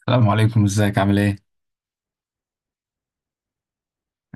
السلام عليكم، ازيك؟ عامل ايه؟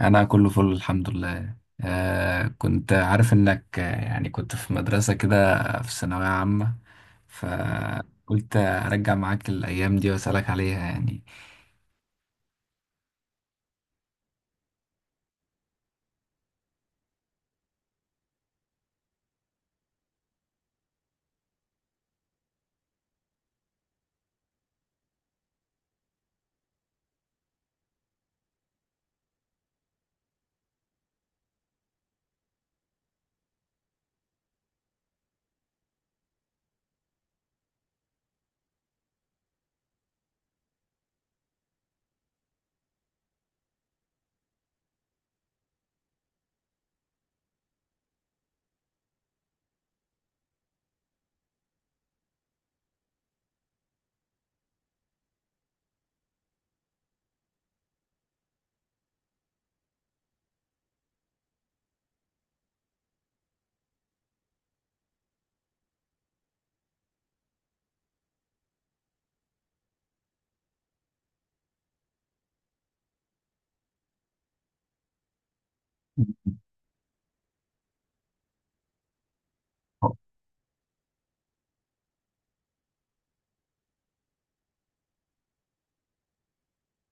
انا كله فل الحمد لله. آه، كنت عارف انك كنت في مدرسة كده، في ثانوية عامة، فقلت ارجع معاك الايام دي واسالك عليها يعني.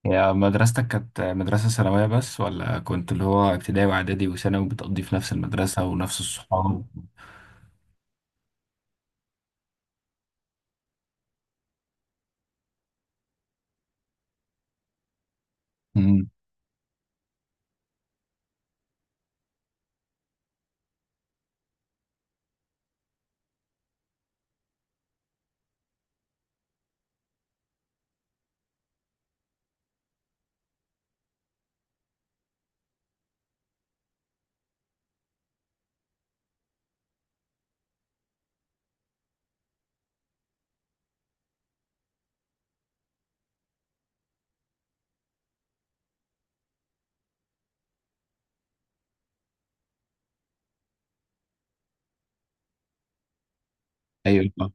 يا مدرستك كانت مدرسة ثانوية بس، ولا كنت اللي هو ابتدائي واعدادي وثانوي بتقضي في نفس المدرسة ونفس الصحاب؟ امم. ايوه.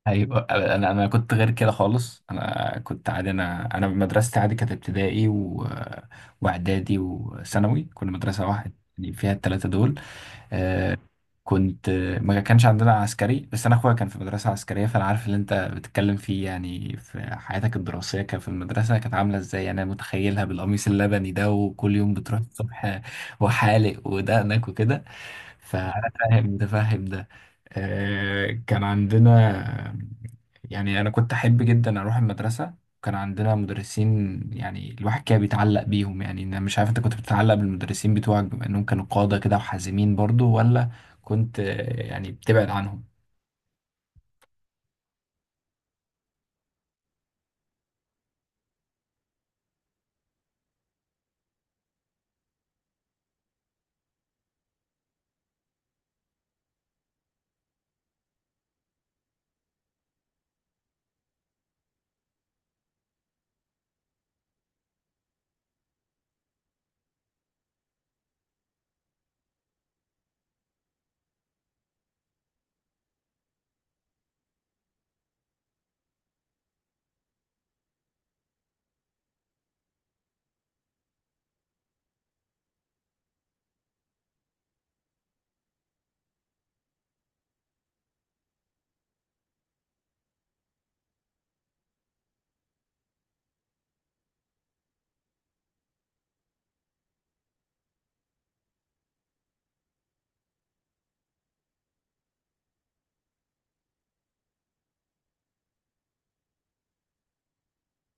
ايوه، انا كنت غير كده خالص، انا كنت عادي. انا مدرستي عادي، كانت ابتدائي واعدادي وثانوي، كنا مدرسه واحد يعني فيها الثلاثه دول. آه. كنت، ما كانش عندنا عسكري، بس انا اخويا كان في مدرسه عسكريه، فانا عارف اللي انت بتتكلم فيه. يعني في حياتك الدراسيه، كان في المدرسه كانت عامله ازاي؟ انا متخيلها بالقميص اللبني ده، وكل يوم بتروح الصبح وحالق ودقنك وكده. فأنا فاهم ده، فاهم ده. آه، كان عندنا، يعني أنا كنت أحب جدا أروح المدرسة. كان عندنا مدرسين يعني الواحد كده بيتعلق بيهم. يعني أنا مش عارف أنت كنت بتتعلق بالمدرسين بتوعك بما إنهم كانوا قادة كده وحازمين برضو، ولا كنت يعني بتبعد عنهم؟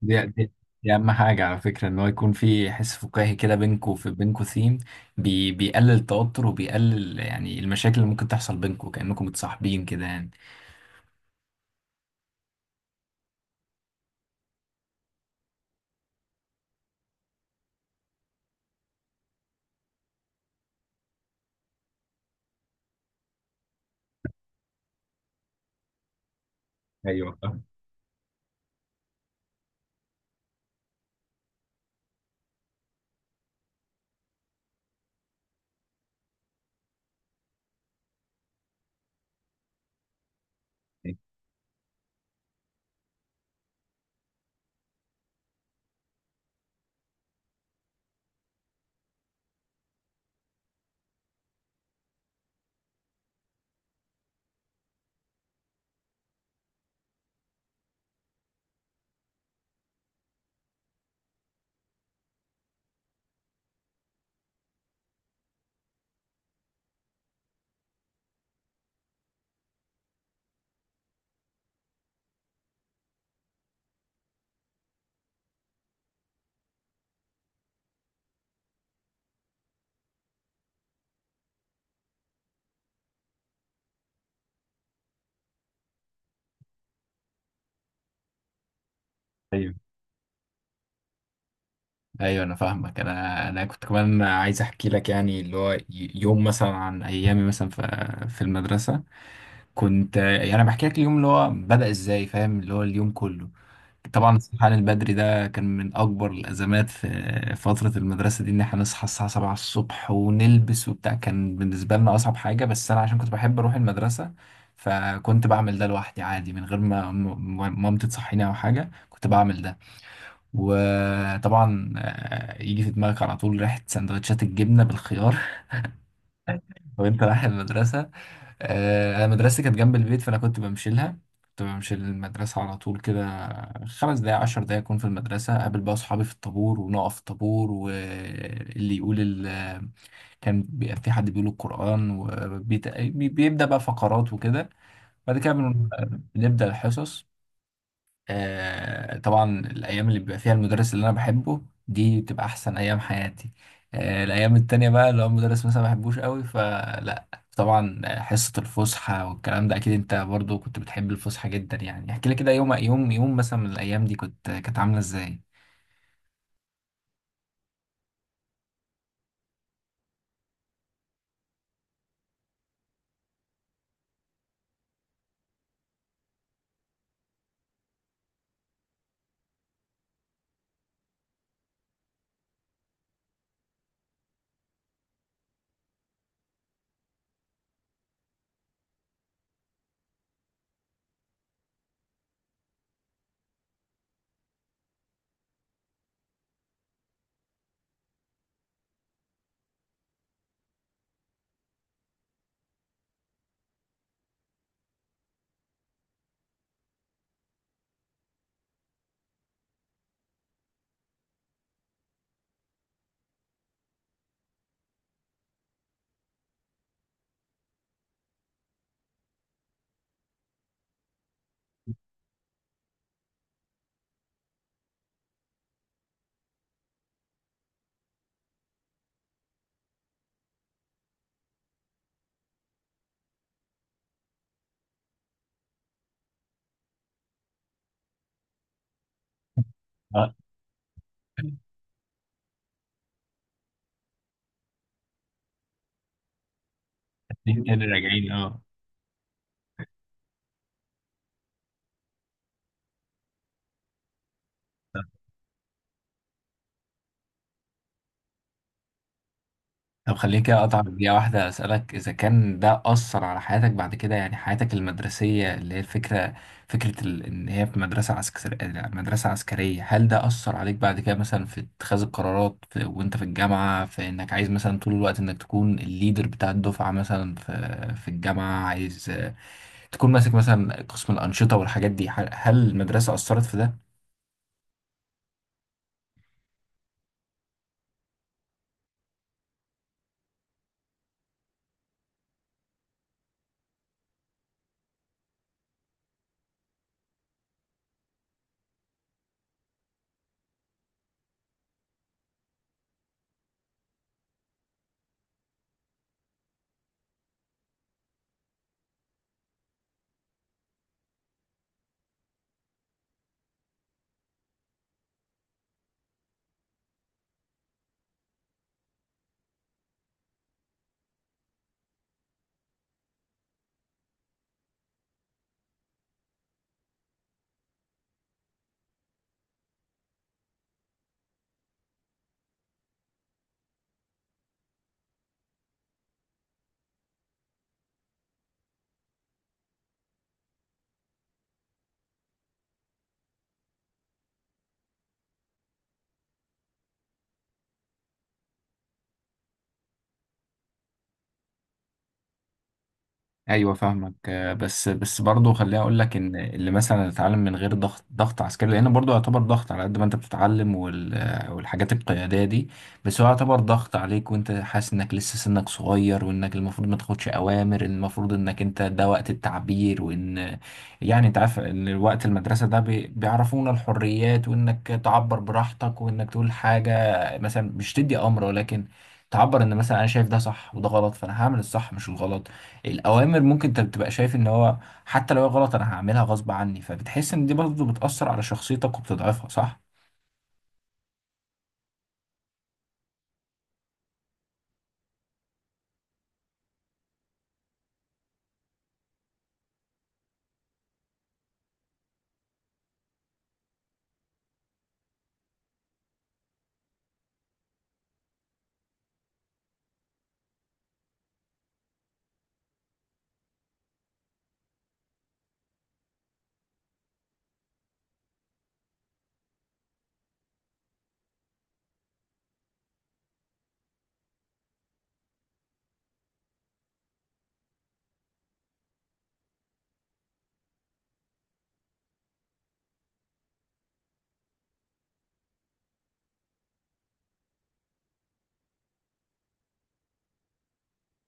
دي, دي, دي أهم حاجة على فكرة، إن هو يكون في حس فكاهي كده بينكوا، في بينكوا ثيم بيقلل التوتر وبيقلل يعني المشاكل اللي ممكن تحصل بينكوا، كأنكم متصاحبين كده يعني. ايوه. فاهم. ايوه انا فاهمك. انا كنت كمان عايز احكي لك، يعني اللي هو يوم مثلا عن ايامي مثلا في في المدرسه. كنت يعني انا بحكي لك اليوم اللي هو بدا ازاي، فاهم؟ اللي هو اليوم كله. طبعا الصحيان البدري ده كان من اكبر الازمات في فتره المدرسه دي، ان احنا نصحى الساعه 7 الصبح ونلبس وبتاع، كان بالنسبه لنا اصعب حاجه. بس انا عشان كنت بحب اروح المدرسه، فكنت بعمل ده لوحدي عادي من غير ما مامتي تصحيني او حاجه، كنت بعمل ده. وطبعا يجي في دماغك على طول ريحة سندوتشات الجبنة بالخيار وانت رايح المدرسة. آه، انا مدرستي كانت جنب البيت، فانا كنت بمشي لها، كنت بمشي للمدرسة على طول كده. خمس دقايق عشر دقايق أكون في المدرسة، أقابل بقى أصحابي في الطابور ونقف في الطابور، واللي يقول ال... كان بيبقى في حد بيقول القرآن وبيبدأ بقى فقرات وكده. بعد كده بن- بنبدأ الحصص. آه، طبعا الأيام اللي بيبقى فيها المدرس اللي أنا بحبه، دي بتبقى أحسن أيام حياتي. آه، الأيام التانية بقى لو المدرس مثلا ما بحبوش قوي، فلا. طبعا حصة الفسحة والكلام ده، أكيد أنت برضو كنت بتحب الفسحة جدا. يعني احكي لي كده، يوم يوم يوم مثلا من الأيام دي كنت كانت عاملة إزاي؟ اه. اتنين تاني راجعين اه. طب خليني كده اقطع دقيقة واحدة اسألك، اذا كان ده اثر على حياتك بعد كده؟ يعني حياتك المدرسية، اللي هي الفكرة، فكرة ان هي في مدرسة عسكرية، مدرسة عسكرية، هل ده اثر عليك بعد كده مثلا في اتخاذ القرارات في... وانت في الجامعة، في انك عايز مثلا طول الوقت انك تكون الليدر بتاع الدفعة مثلا في في الجامعة، عايز تكون ماسك مثلا قسم الأنشطة والحاجات دي؟ هل المدرسة اثرت في ده؟ ايوه فاهمك. بس برضه خليني اقول لك، ان اللي مثلا اتعلم من غير ضغط، عسكري، لان برضه يعتبر ضغط، على قد ما انت بتتعلم وال والحاجات القياديه دي، بس هو يعتبر ضغط عليك، وانت حاسس انك لسه سنك صغير، وانك المفروض ما تاخدش اوامر، المفروض انك انت ده وقت التعبير. وان، يعني انت عارف ان وقت المدرسه ده بيعرفونا الحريات، وانك تعبر براحتك، وانك تقول حاجه مثلا مش تدي امر، ولكن تعبر ان مثلا انا شايف ده صح وده غلط، فانا هعمل الصح مش الغلط. الأوامر ممكن أنت بتبقى شايف إن هو حتى لو هي غلط، أنا هعملها غصب عني، فبتحس إن دي برضه بتأثر على شخصيتك وبتضعفها، صح؟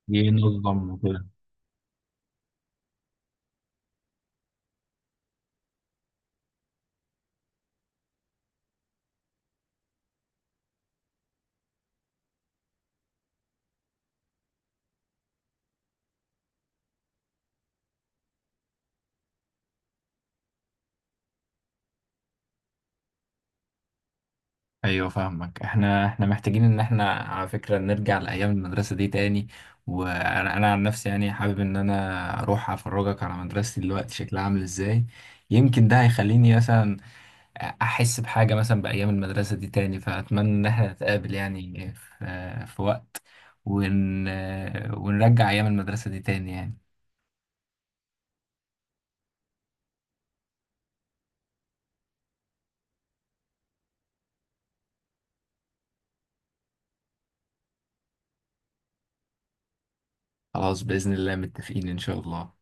ينظم وكده. ايوه فاهمك. احنا محتاجين ان احنا على فكره نرجع لايام المدرسه دي تاني. وانا عن نفسي يعني حابب ان انا اروح افرجك على مدرستي دلوقتي شكلها عامل ازاي. يمكن ده هيخليني مثلا احس بحاجه مثلا بايام المدرسه دي تاني. فاتمنى ان احنا نتقابل يعني في في وقت، ون... ونرجع ايام المدرسه دي تاني يعني. خلاص باذن الله، متفقين ان شاء الله.